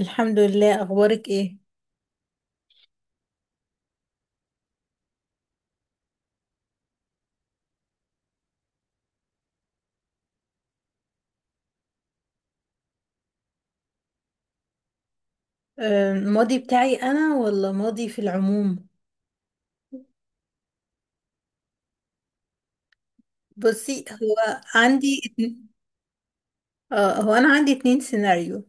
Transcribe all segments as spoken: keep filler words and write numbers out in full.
الحمد لله، اخبارك ايه؟ آه، الماضي بتاعي انا ولا ماضي في العموم. بصي، هو عندي اتن- اه هو انا عندي اتنين سيناريو.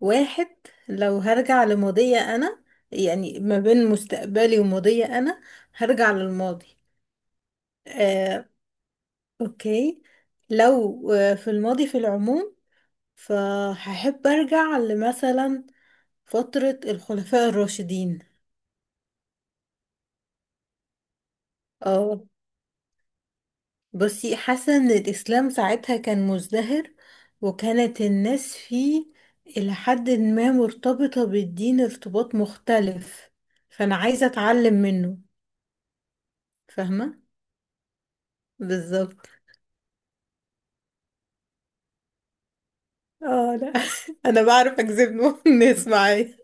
واحد، لو هرجع لماضية انا، يعني ما بين مستقبلي وماضية انا، هرجع للماضي. آه، اوكي. لو آه، في الماضي في العموم، فهحب ارجع لمثلا فترة الخلفاء الراشدين. اه، بصي، حاسة ان الاسلام ساعتها كان مزدهر، وكانت الناس فيه الى حد ما مرتبطة بالدين ارتباط مختلف، فانا عايزة اتعلم منه. فاهمة، بالظبط. اه لا، انا بعرف اجذب نوع الناس معايا.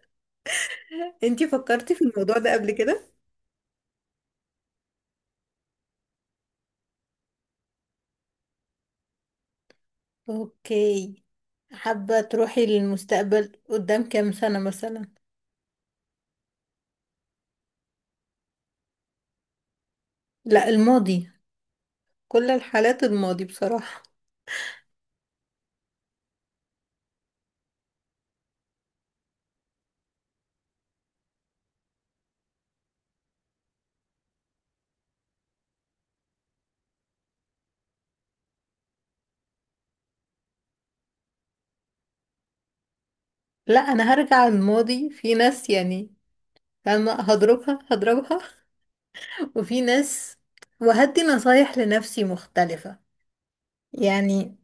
انتي فكرتي في الموضوع ده قبل كده؟ اوكي. حابة تروحي للمستقبل قدام كام سنة مثلا؟ لا الماضي، كل الحالات الماضي بصراحة. لا، انا هرجع الماضي في ناس يعني، فاهمة، هضربها هضربها. وفي ناس وهدي نصايح لنفسي مختلفة، يعني.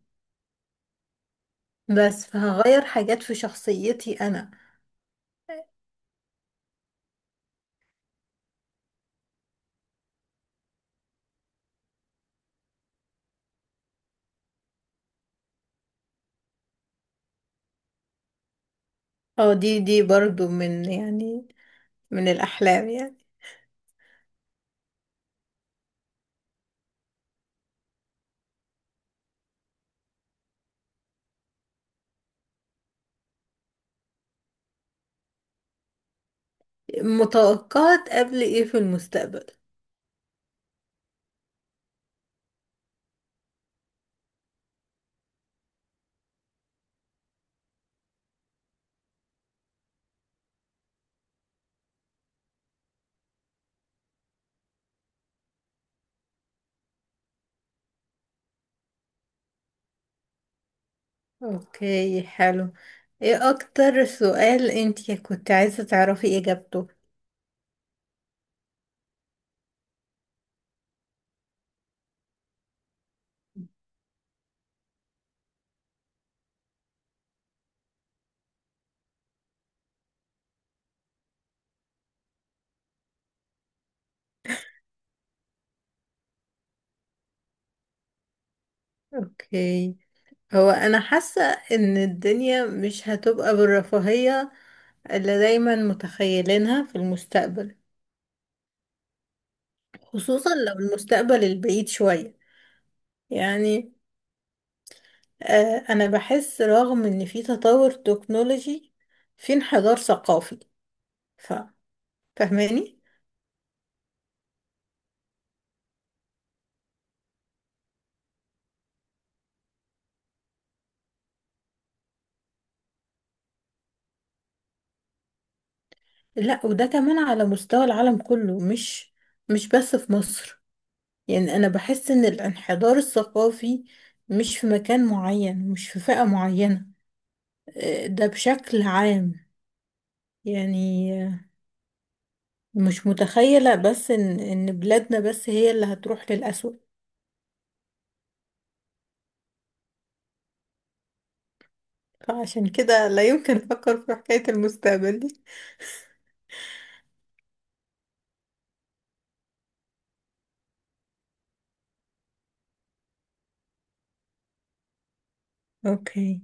بس فهغير حاجات في شخصيتي أنا. اه، دي دي برضو من يعني من الأحلام يعني. متوقعة قبل ايه في المستقبل؟ اوكي حلو. ايه أكتر سؤال انتي كنت عايزة تعرفي إجابته؟ اوكي. هو انا حاسة ان الدنيا مش هتبقى بالرفاهية اللي دايما متخيلينها في المستقبل، خصوصا لو المستقبل البعيد شوية، يعني. آه، انا بحس رغم ان في تطور تكنولوجي، في انحدار ثقافي. ف... فاهماني؟ لا، وده كمان على مستوى العالم كله، مش مش بس في مصر. يعني انا بحس ان الانحدار الثقافي مش في مكان معين، مش في فئة معينة. آه، ده بشكل عام يعني. مش متخيلة بس إن إن بلادنا بس هي اللي هتروح للأسوأ. فعشان كده لا يمكن أفكر في حكاية المستقبل دي. أوكي.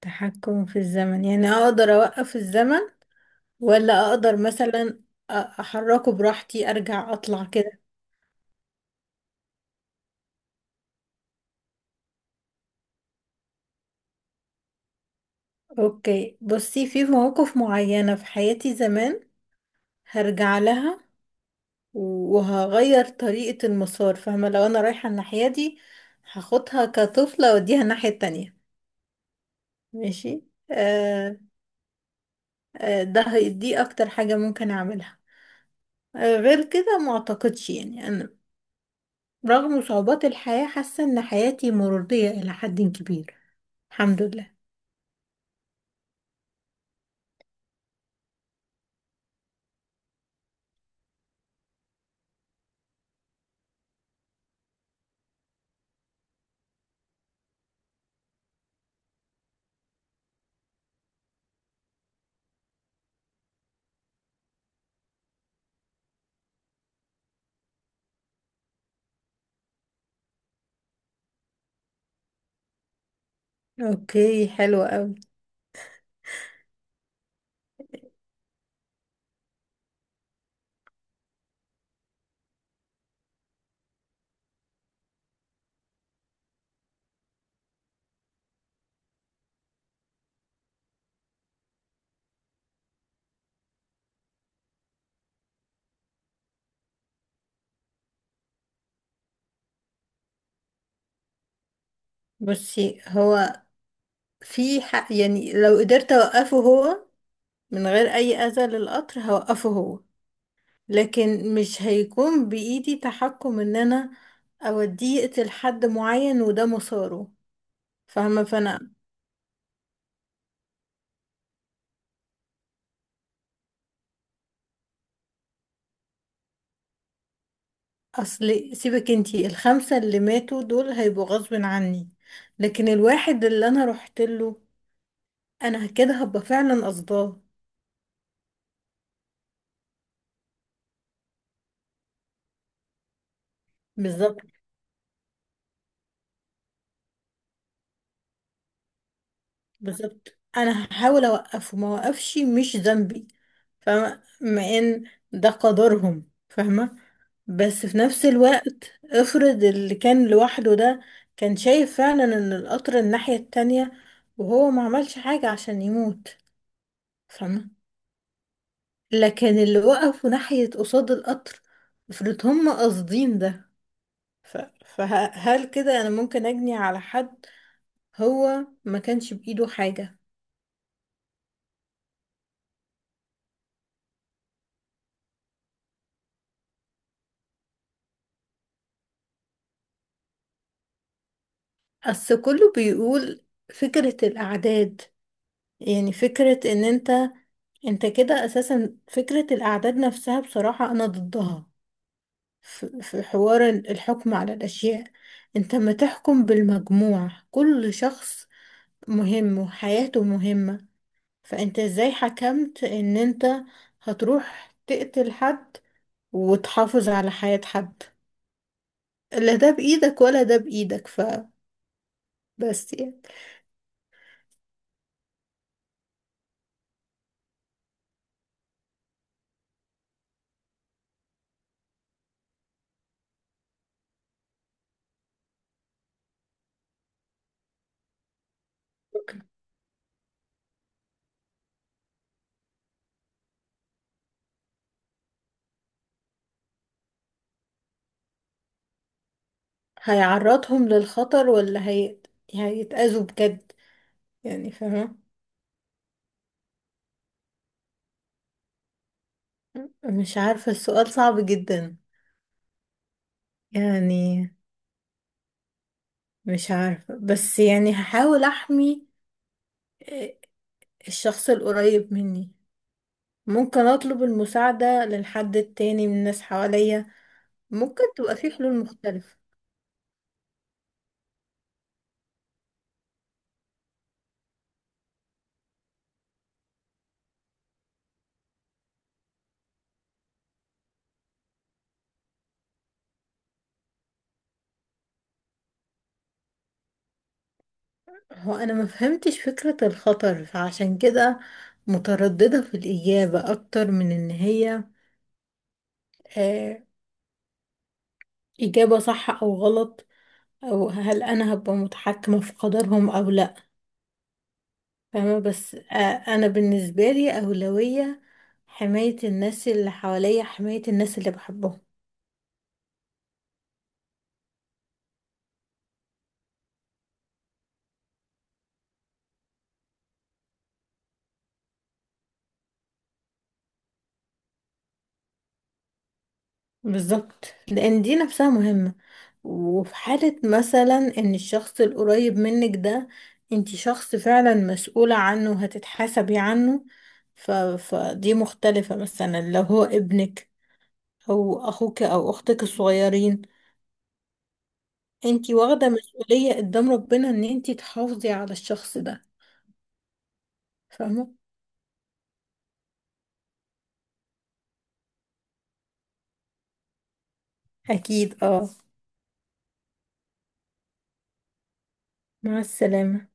تحكم في الزمن يعني أقدر أوقف الزمن، ولا أقدر مثلا أ- أحركه براحتي، أرجع أطلع كده؟ أوكي، بصي، في مواقف معينة في حياتي زمان هرجع لها وهغير طريقة المسار. فاهمة، لو أنا رايحة الناحية دي هاخدها كطفلة وأوديها الناحية التانية. ماشي، آه. آه، ده هي- دي اكتر حاجة ممكن اعملها. آه، غير كده ما اعتقدش، يعني انا رغم صعوبات الحياة حاسة ان حياتي مرضية الى حد كبير، الحمد لله. اوكي حلو قوي. بصي، هو في حق، يعني لو قدرت اوقفه هو من غير اي اذى للقطر هوقفه هو، لكن مش هيكون بايدي تحكم ان انا اوديه يقتل حد معين وده مساره. فاهمة؟ فانا، اصل سيبك، انتي الخمسة اللي ماتوا دول هيبقوا غصب عني، لكن الواحد اللي انا رحت له انا كده هبقى فعلا قصداه. بالظبط. بالظبط، انا هحاول اوقفه، ما وقفش مش ذنبي. فاهمة؟ مع ان ده قدرهم، فاهمة. بس في نفس الوقت افرض اللي كان لوحده ده كان شايف فعلا ان القطر الناحية التانية وهو ما عملش حاجة عشان يموت، فاهمة. لكن اللي وقفوا ناحية قصاد القطر افرض هم قاصدين ده. ف... فهل كده انا ممكن اجني على حد هو ما كانش بايده حاجة؟ اصل كله بيقول فكرة الاعداد، يعني فكرة ان انت، انت كده اساسا فكرة الاعداد نفسها بصراحة انا ضدها. ف- في حوار الحكم على الاشياء، انت ما تحكم بالمجموع. كل شخص مهم وحياته مهمة. فانت ازاي حكمت ان انت هتروح تقتل حد وتحافظ على حياة حد؟ لا ده بإيدك ولا ده بإيدك. فبس يعني. هيعرضهم للخطر ولا هي... هيتأذوا بجد يعني، فاهمة؟ مش عارفة، السؤال صعب جدا، يعني. مش عارفة، بس يعني هحاول أحمي آه، الشخص القريب مني. ممكن أطلب المساعدة للحد التاني من الناس حواليا. ممكن تبقى في حلول مختلفة. هو انا ما فهمتش فكرة الخطر، فعشان كده مترددة في الإجابة اكتر من ان هي آه إجابة صح او غلط، او هل انا هبقى متحكمة في قدرهم او لا. فاهمة، بس آه. انا بالنسبة لي أولوية حماية الناس اللي حواليا، حماية الناس اللي بحبهم. بالظبط، لان دي نفسها مهمة. وفي حالة مثلا ان الشخص القريب منك ده انتي شخص فعلا مسؤولة عنه وهتتحاسبي عنه. ف... فدي مختلفة، مثلا لو هو ابنك او اخوك او اختك الصغيرين، انتي واخدة مسؤولية قدام ربنا ان انتي تحافظي على الشخص ده. فاهمة. اكيد اه. مع السلامة.